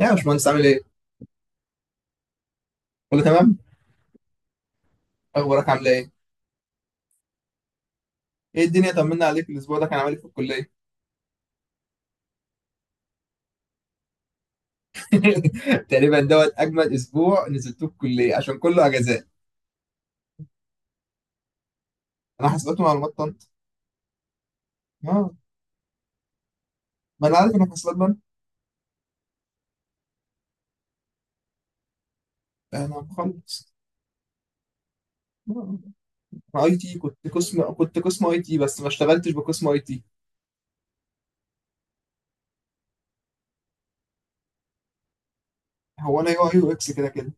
يا باشمهندس، عامل ايه؟ كله تمام؟ اخبارك عامله ايه؟ ايه الدنيا، طمنا عليك. الاسبوع ده كان عامل ايه في الكليه؟ تقريبا دوت اجمد اسبوع نزلتوه في الكليه عشان كله اجازات. انا حاسبات ومعلومات طنط. اه، ما انا عارف انا في حاسبات بنك. انا مخلص. آه. انا اي تي، كنت قسم اي تي بس ما اشتغلتش بقسم اي تي. هو انا يو اي يو اكس كده كده.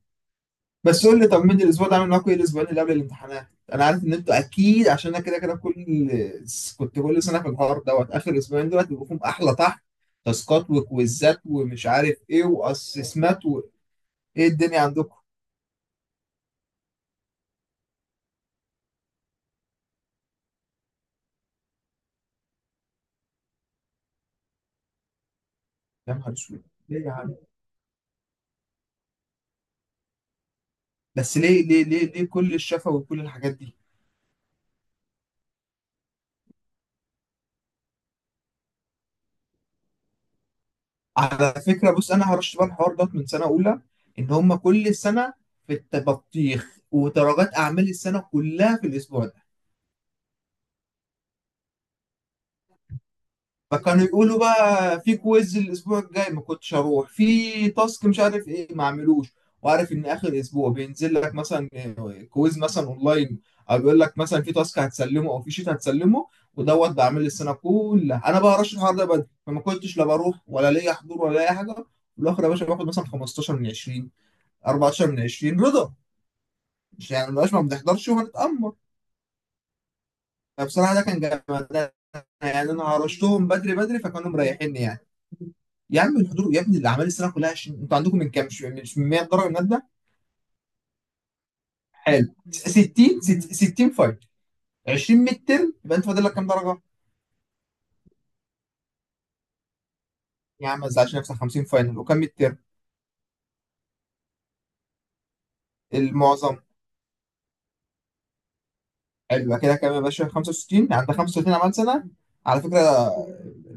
بس قول لي، طمني الاسبوع ده عامل معاكم ايه؟ الاسبوعين اللي قبل الامتحانات انا عارف ان انتوا اكيد، عشان انا كده كده كل، كنت كل سنه في الحوار دوت اخر اسبوعين دول بيبقوا فيهم احلى طحن. تاسكات وكويزات ومش عارف ايه واسسمات وايه الدنيا عندكم. يا نهار اسود، ليه يا عم؟ بس ليه كل الشفا وكل الحاجات دي؟ على فكره، بص، انا هرش بقى الحوار دوت من سنه اولى ان هم كل سنه في التبطيخ ودرجات اعمال السنه كلها في الاسبوع. فكانوا يقولوا بقى في كويز الاسبوع الجاي، ما كنتش هروح، في تاسك مش عارف ايه ما اعملوش. وعارف ان اخر اسبوع بينزل لك مثلا، آه، كويز مثلا اونلاين، او بيقول لك مثلا في تاسك هتسلمه او في شيت هتسلمه. ودوت بعمل السنه كلها. انا بقى رش الحوار ده بدري، فما كنتش لا بروح ولا ليا حضور ولا اي حاجه. في الاخر يا باشا باخد مثلا 15 من 20، 14 من 20، رضا. مش يعني مبقاش ما بنحضرش وهنتأمر. فبصراحه ده كان جامد، يعني انا هرشتهم بدري بدري فكانوا مريحيني يعني. يا عم الحضور يا ابني الاعمال السنه كلها 20. انتوا عندكم من كام؟ مش مش من 100 درجه ماده؟ حلو، 60، 60 فاينل، 20 ميد ترم، يبقى انت فاضل لك كام درجه؟ يا عم ما تزعلش نفسك، 50 فاينل، وكام ميد ترم؟ المعظم. حلو، يبقى كده كام يا باشا؟ 65، عندك 35 اعمال سنه. على فكره،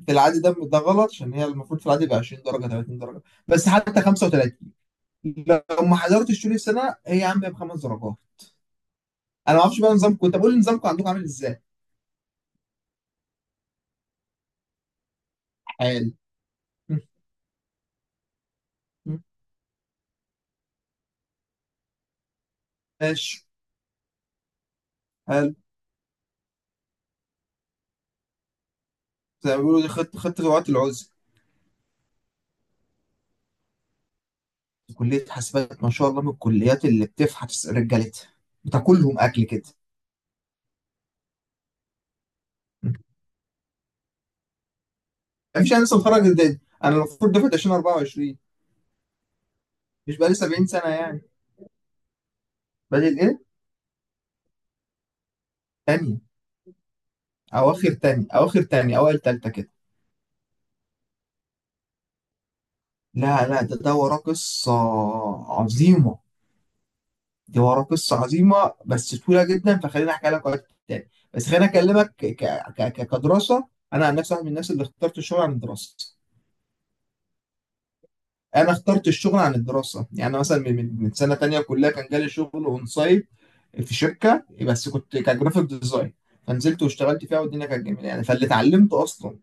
في العادي ده غلط عشان هي المفروض في العادي يبقى 20 درجه، 30 درجه، بس حتى 35. لو ما حضرتش طول السنه هي يا عم بخمس درجات. انا ما اعرفش بقى نظامكم، كنت بقول نظامكم عندكم عامل ازاي. حلو. ماشي. زي ما بيقولوا، دي خدت روعة العزل. كلية حاسبات ما شاء الله من الكليات اللي بتفحت رجالتها، بتاكلهم أكل كده. يعني مفيش، أنا لسه متخرج جديد، أنا المفروض دفعة 2024، مش بقالي 70 سنة يعني. بادئ إيه؟ تانية. أواخر تاني، أوائل تالتة كده. لا لا، ده وراه قصة عظيمة، دي وراه قصة عظيمة بس طويلة جدا، فخليني أحكي لك وقت تاني. بس خليني أكلمك كدراسة. أنا عن نفسي واحد من الناس اللي اخترت الشغل عن الدراسة. انا اخترت الشغل عن الدراسه. يعني مثلا من سنه تانية كلها كان جالي شغل اون سايت في شركه، بس كنت كجرافيك ديزاين، فنزلت واشتغلت فيها والدنيا كانت جميله يعني. فاللي اتعلمته اصلا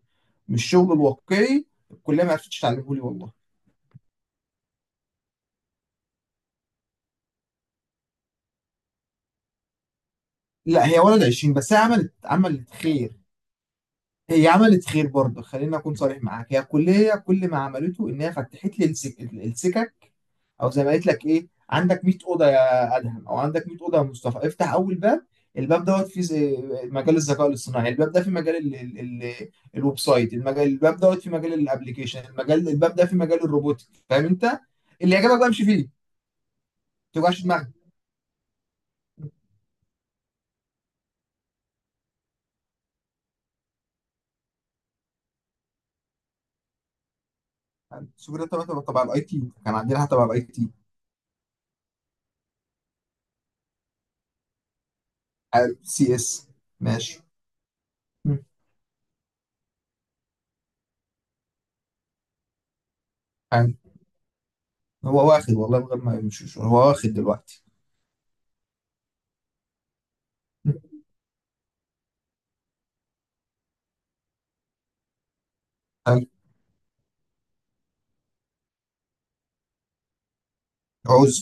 من الشغل الواقعي الكليه ما عرفتش تعلمه لي والله. لا هي ولد 20 بس، هي عملت خير. هي عملت خير برضه، خليني اكون صريح معاك. هي الكليه كل ما عملته ان هي فتحت لي السكك، او زي ما قلت لك، ايه؟ عندك 100 اوضه يا ادهم، او عندك 100 اوضه يا مصطفى، افتح اول باب. الباب دوت فيه مجال الذكاء الاصطناعي. الباب ده في مجال ال ال ال الويب سايت. المجال الباب دوت في مجال الابليكيشن. المجال الباب ده في مجال الروبوتك. فاهم انت؟ اللي يعجبك بقى امشي فيه، ما توجعش دماغك. السوبر ده تبع الاي تي، كان عندنا حاجه تبع الاي تي. سي اس. ماشي. مم. حلو. هو واخد والله من غير ما يمشي، هو واخد دلوقتي. مم. حلو. عذر.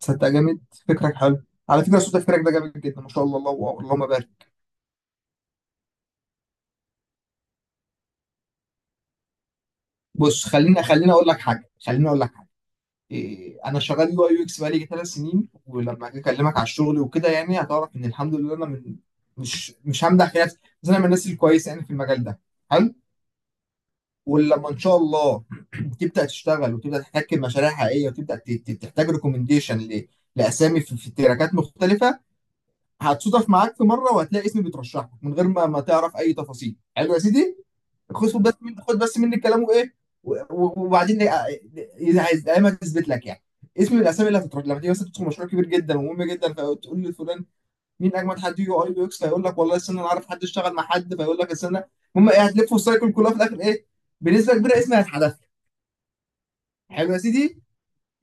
تصدق جامد؟ فكرك حلو. على فكره صوت فكرك ده جامد جدا، ما شاء الله، الله اللهم بارك. بص، خليني اقول لك حاجه، إيه، انا شغال يو اي يو اكس بقالي ثلاث سنين. ولما اجي اكلمك على الشغل وكده يعني، هتعرف ان الحمد لله انا من، مش همدح في نفسي بس انا من الناس الكويسه يعني في المجال ده. حلو. ولما ان شاء الله تبدا تشتغل وتبدا تحتك بمشاريع حقيقيه وتبدا تحتاج ريكومنديشن لاسامي في في تراكات مختلفه، هتصادف معاك في مره وهتلاقي اسمي بيترشح لك من غير ما تعرف اي تفاصيل. حلو يا سيدي. خد بس مني كلامه ايه وبعدين إيه، اذا عايز دايما تثبت لك يعني اسم من الاسامي اللي هتترد لما تيجي مثلا تدخل مشروع كبير جدا ومهم جدا، فتقول لفلان مين اجمد حد يو اي يو اكس، فيقول لك والله استنى انا عارف حد اشتغل مع حد، فيقول لك استنى. المهم ايه، هتلف السايكل كلها في الاخر ايه، بنسبه كبيره اسمي هيتحذف. حلو يا سيدي.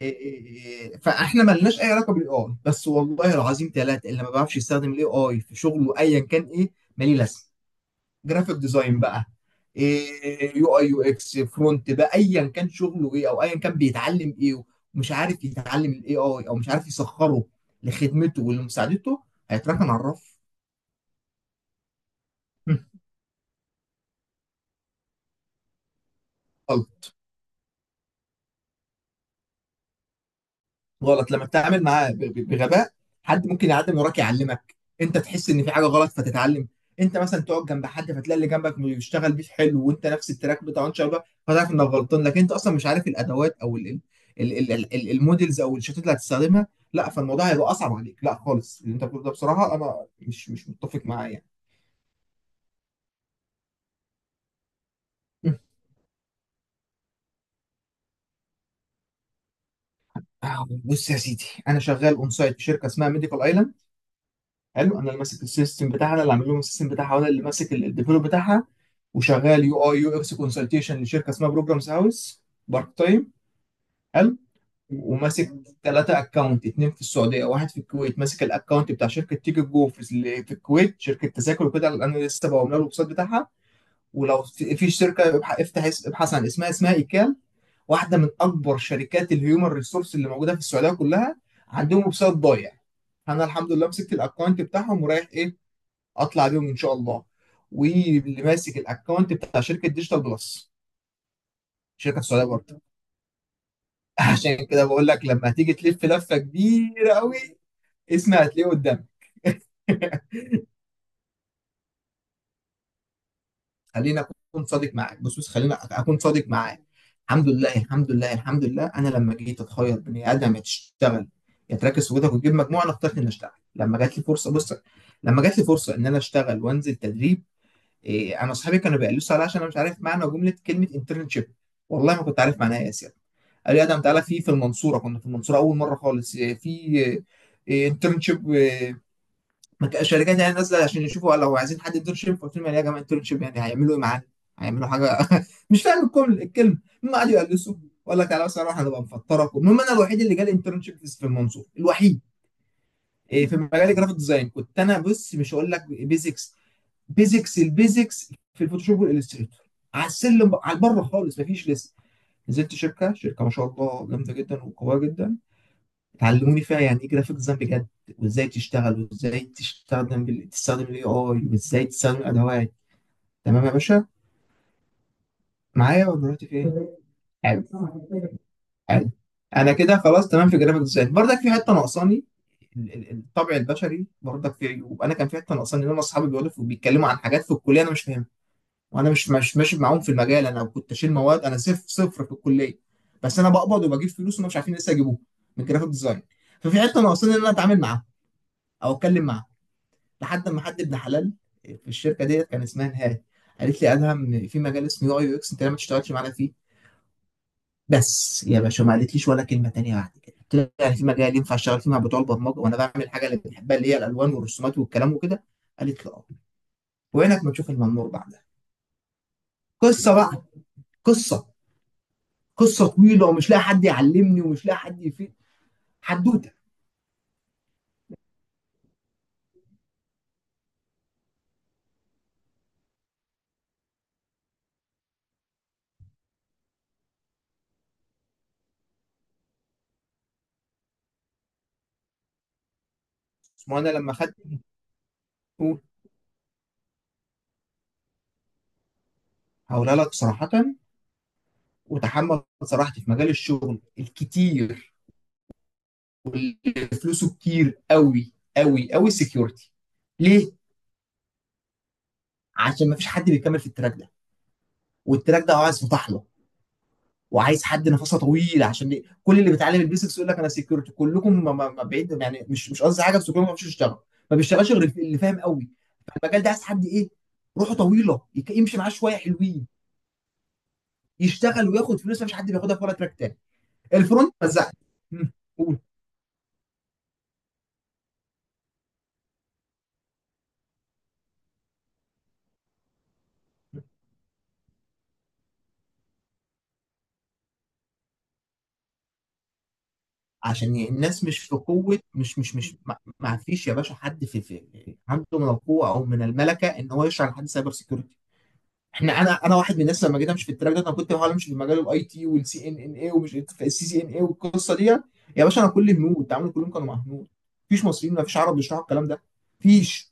إيه، إيه، إيه، فاحنا ملناش اي علاقه بالاي اي، بس والله العظيم ثلاثه اللي ما بيعرفش يستخدم الاي اي في شغله ايا كان ايه، مالي لازمه. جرافيك ديزاين بقى، إيه، يو اي يو اكس، فرونت بقى، ايا كان شغله ايه، او ايا كان بيتعلم ايه، ومش عارف يتعلم الاي اي، او مش عارف يسخره لخدمته ولمساعدته، هيتركن على الرف. غلط لما بتتعامل معاه بغباء. حد ممكن يعدي من وراك يعلمك، انت تحس ان في حاجه غلط فتتعلم. انت مثلا تقعد جنب حد، فتلاقي اللي جنبك بيشتغل بيه حلو، وانت نفس التراك بتاعه ان شاء الله، فتعرف انك غلطان. لكن انت اصلا مش عارف الادوات او المودلز او الشتات اللي هتستخدمها، لا، فالموضوع هيبقى اصعب عليك. لا خالص، اللي انت بتقوله ده بصراحه انا مش متفق معاه يعني. مم. آه، بص يا سيدي، انا شغال اون سايت في شركه اسمها ميديكال ايلاند. حلو. انا اللي ماسك السيستم بتاعها، انا اللي عامل لهم السيستم بتاعها، وانا اللي ماسك الديفلوب بتاعها. وشغال يو اي يو اكس كونسلتيشن لشركه اسمها بروجرامز هاوس، بارت تايم. حلو. وماسك ثلاثة اكونت، اتنين في السعودية واحد في الكويت. ماسك الاكونت بتاع شركة تيكت جو اللي في الكويت، شركة تذاكر وكده، اللي انا لسه بعمل لها الويب سايت بتاعها. ولو في في شركة ابحث عن اسمها، اسمها ايكال، واحدة من اكبر شركات الهيومن ريسورس اللي موجودة في السعودية كلها، عندهم ويب سايت ضايع. انا الحمد لله مسكت الاكونت بتاعهم، ورايح ايه، اطلع بيهم ان شاء الله. واللي ماسك الاكونت بتاع شركة ديجيتال بلس، شركه سعوديه برضه. عشان كده بقول لك، لما تيجي تلف لفه كبيره قوي، اسمي هتلاقيه قدامك. خليني اكون صادق معاك. الحمد لله الحمد لله الحمد لله. انا لما جيت اتخير بني ادم، يا تشتغل يا تركز في جهدك وتجيب مجموعه، انا اخترت اني اشتغل لما جات لي فرصه. بص، لما جات لي فرصه ان انا اشتغل وانزل تدريب، إيه، انا اصحابي كانوا بيقلصوا عليا عشان انا مش عارف معنى جمله كلمه انترنشيب. والله ما كنت عارف معناها إيه يا اسيا. قال لي ادم تعالى في المنصوره، كنا في المنصوره اول مره خالص، إيه، في انترنشيب الشركات يعني نازله عشان يشوفوا لو عايزين حد انترنشيب. قلت لهم يعني إيه يا جماعه انترنشيب؟ يعني هيعملوا ايه معانا؟ هيعملوا حاجه؟ مش فاهم الكلمه. المهم قعدوا يقلصوا، وقال لك تعالى بس اروح هنبقى مفطرك. المهم انا الوحيد اللي جالي انترنشيب في المنصوره، الوحيد. إيه، في مجال الجرافيك ديزاين، كنت انا، بص مش هقول لك بيزكس، البيزكس في الفوتوشوب والإليستريتور، على السلم على البره خالص، مفيش لسه. نزلت شركه ما شاء الله جامده جدا وقويه جدا، علموني فيها يعني ايه جرافيك ديزاين بجد، وازاي تشتغل، وازاي تستخدم تستخدم الاي اي، وازاي تستخدم الادوات. تمام يا باشا؟ معايا، ولا دلوقتي في ايه؟ حلو. حلو. انا كده خلاص تمام في جرافيك ديزاين، برضك في حته ناقصاني. الطبع البشري برضك في عيوب. انا كان في حته ناقصاني ان انا اصحابي بيقولوا بيتكلموا عن حاجات في الكليه انا مش فاهمها، وانا مش ماشي معاهم في المجال. انا كنت اشيل مواد، انا صفر صفر في الكليه، بس انا بقبض وبجيب فلوس، وما مش عارفين لسه يجيبوها، من جرافيك ديزاين. ففي حته ناقصاني ان انا اتعامل معاها او اتكلم معاها، لحد ما حد ابن حلال في الشركه ديت كان اسمها نهاد قالت لي: ادهم في مجال اسمه يو اي يو اكس، انت ليه ما تشتغلش معانا فيه؟ بس يا باشا ما قالتليش ولا كلمه تانيه بعد كده. قلت لها يعني في مجال ينفع اشتغل فيه مع بتوع البرمجه، وانا بعمل الحاجه اللي بنحبها اللي هي الالوان والرسومات والكلام وكده؟ قالت لي اه. وعينك ما تشوف المنور بعدها. قصه بقى، قصه، قصه طويله، ومش لاقي حد يعلمني، ومش لاقي حد يفيد. حدوته. ما انا لما خدت، قول. هقولها لك صراحه، وتحمل صراحتي. في مجال الشغل الكتير، واللي فلوسه كتير قوي قوي قوي، السكيورتي. ليه؟ عشان ما فيش حد بيكمل في التراك ده. والتراك ده عايز فتح له، وعايز حد نفسه طويل، عشان كل اللي بيتعلم البيزكس يقول لك انا سكيورتي. كلكم ما بعيد، يعني مش مش قصدي حاجه، بس كلكم ما بيعرفش يشتغل، ما بيشتغلش غير اللي فاهم قوي. فالمجال ده عايز حد ايه؟ روحه طويله، يمشي معاه شويه حلوين، يشتغل وياخد فلوس. مفيش حد بياخدها في ولا تراك تاني. الفرونت مزعت. قول. عشان الناس مش في قوة، مش مش مش ما ما فيش يا باشا حد في عنده من القوة أو من الملكة إن هو يشرح لحد سايبر سيكيورتي. احنا، انا واحد من الناس، لما جيت امشي في التراك ده، انا كنت بحاول امشي في مجال الاي تي والسي ان ان اي، ومش السي سي ان اي والقصه دي. يا باشا انا كل هنود تعاملي كلهم كانوا مع هنود، مفيش مصريين، مفيش عرب بيشرحوا الكلام ده، مفيش.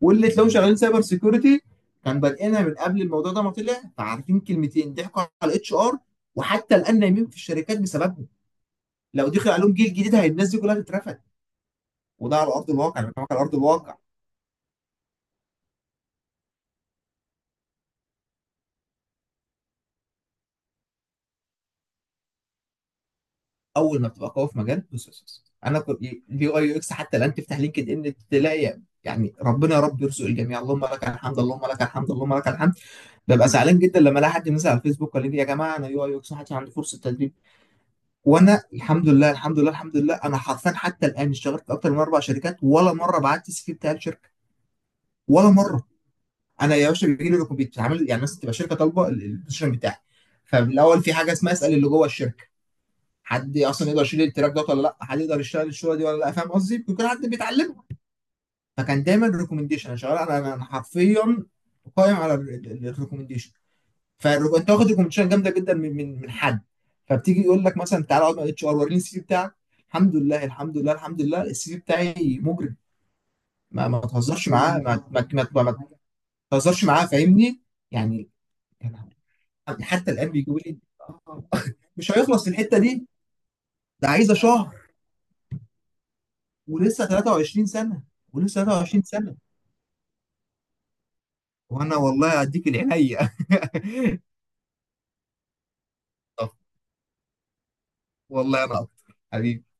واللي تلاقوهم شغالين سايبر سيكيورتي كان بادئينها من قبل الموضوع ده ما طلع، فعارفين كلمتين ضحكوا على الاتش ار، وحتى الان نايمين في الشركات بسببهم. لو دخل عليهم جيل جديد، هي الناس دي كلها تترفد. وده على ارض الواقع، انا بكلمك على ارض الواقع. اول ما بتبقى قوي في مجال، بص بص بص. انا كنت اليو اي يو اكس، حتى الان تفتح لينكد ان تلاقي يعني، ربنا يا رب يرزق الجميع، اللهم لك الحمد اللهم لك الحمد اللهم لك الحمد. ببقى زعلان جدا لما الاقي حد مثلا على الفيسبوك قال لي يا جماعه انا يو اي يو اكس محدش عنده فرصه تدريب، وانا الحمد لله الحمد لله الحمد لله، انا حرفيا حتى الان اشتغلت في اكتر من اربع شركات، ولا مره بعت السي في بتاع الشركه، ولا مره. انا يا باشا بيجي لي بيتعمل، يعني مثلا تبقى شركه طالبه البوزيشن بتاعي، فالاول في حاجه اسمها اسال اللي جوه الشركه حد اصلا يقدر يشيل التراك ده ولا لا، حد يقدر يشتغل الشغله دي ولا لا. فاهم قصدي؟ بيكون حد بيتعلمه، فكان دايما ريكومنديشن. انا شغال، انا حرفيا قائم على الريكومنديشن. انت واخد ريكومنديشن جامده جدا من حد، فبتيجي يقول لك مثلا تعالى اقعد مع الاتش ار وريني السي في بتاعك. الحمد لله الحمد لله الحمد لله، السي في بتاعي مجرم. ما ما تهزرش معاه ما ما ما تهزرش معاه، فاهمني يعني، يعني. حتى الان بيجيبوا لي، مش هيخلص في الحته دي. ده عايزه شهر. ولسه 23 سنه ولسه 23 سنه. وانا والله اديك العينيا طب، والله انا اكتر حبيبي.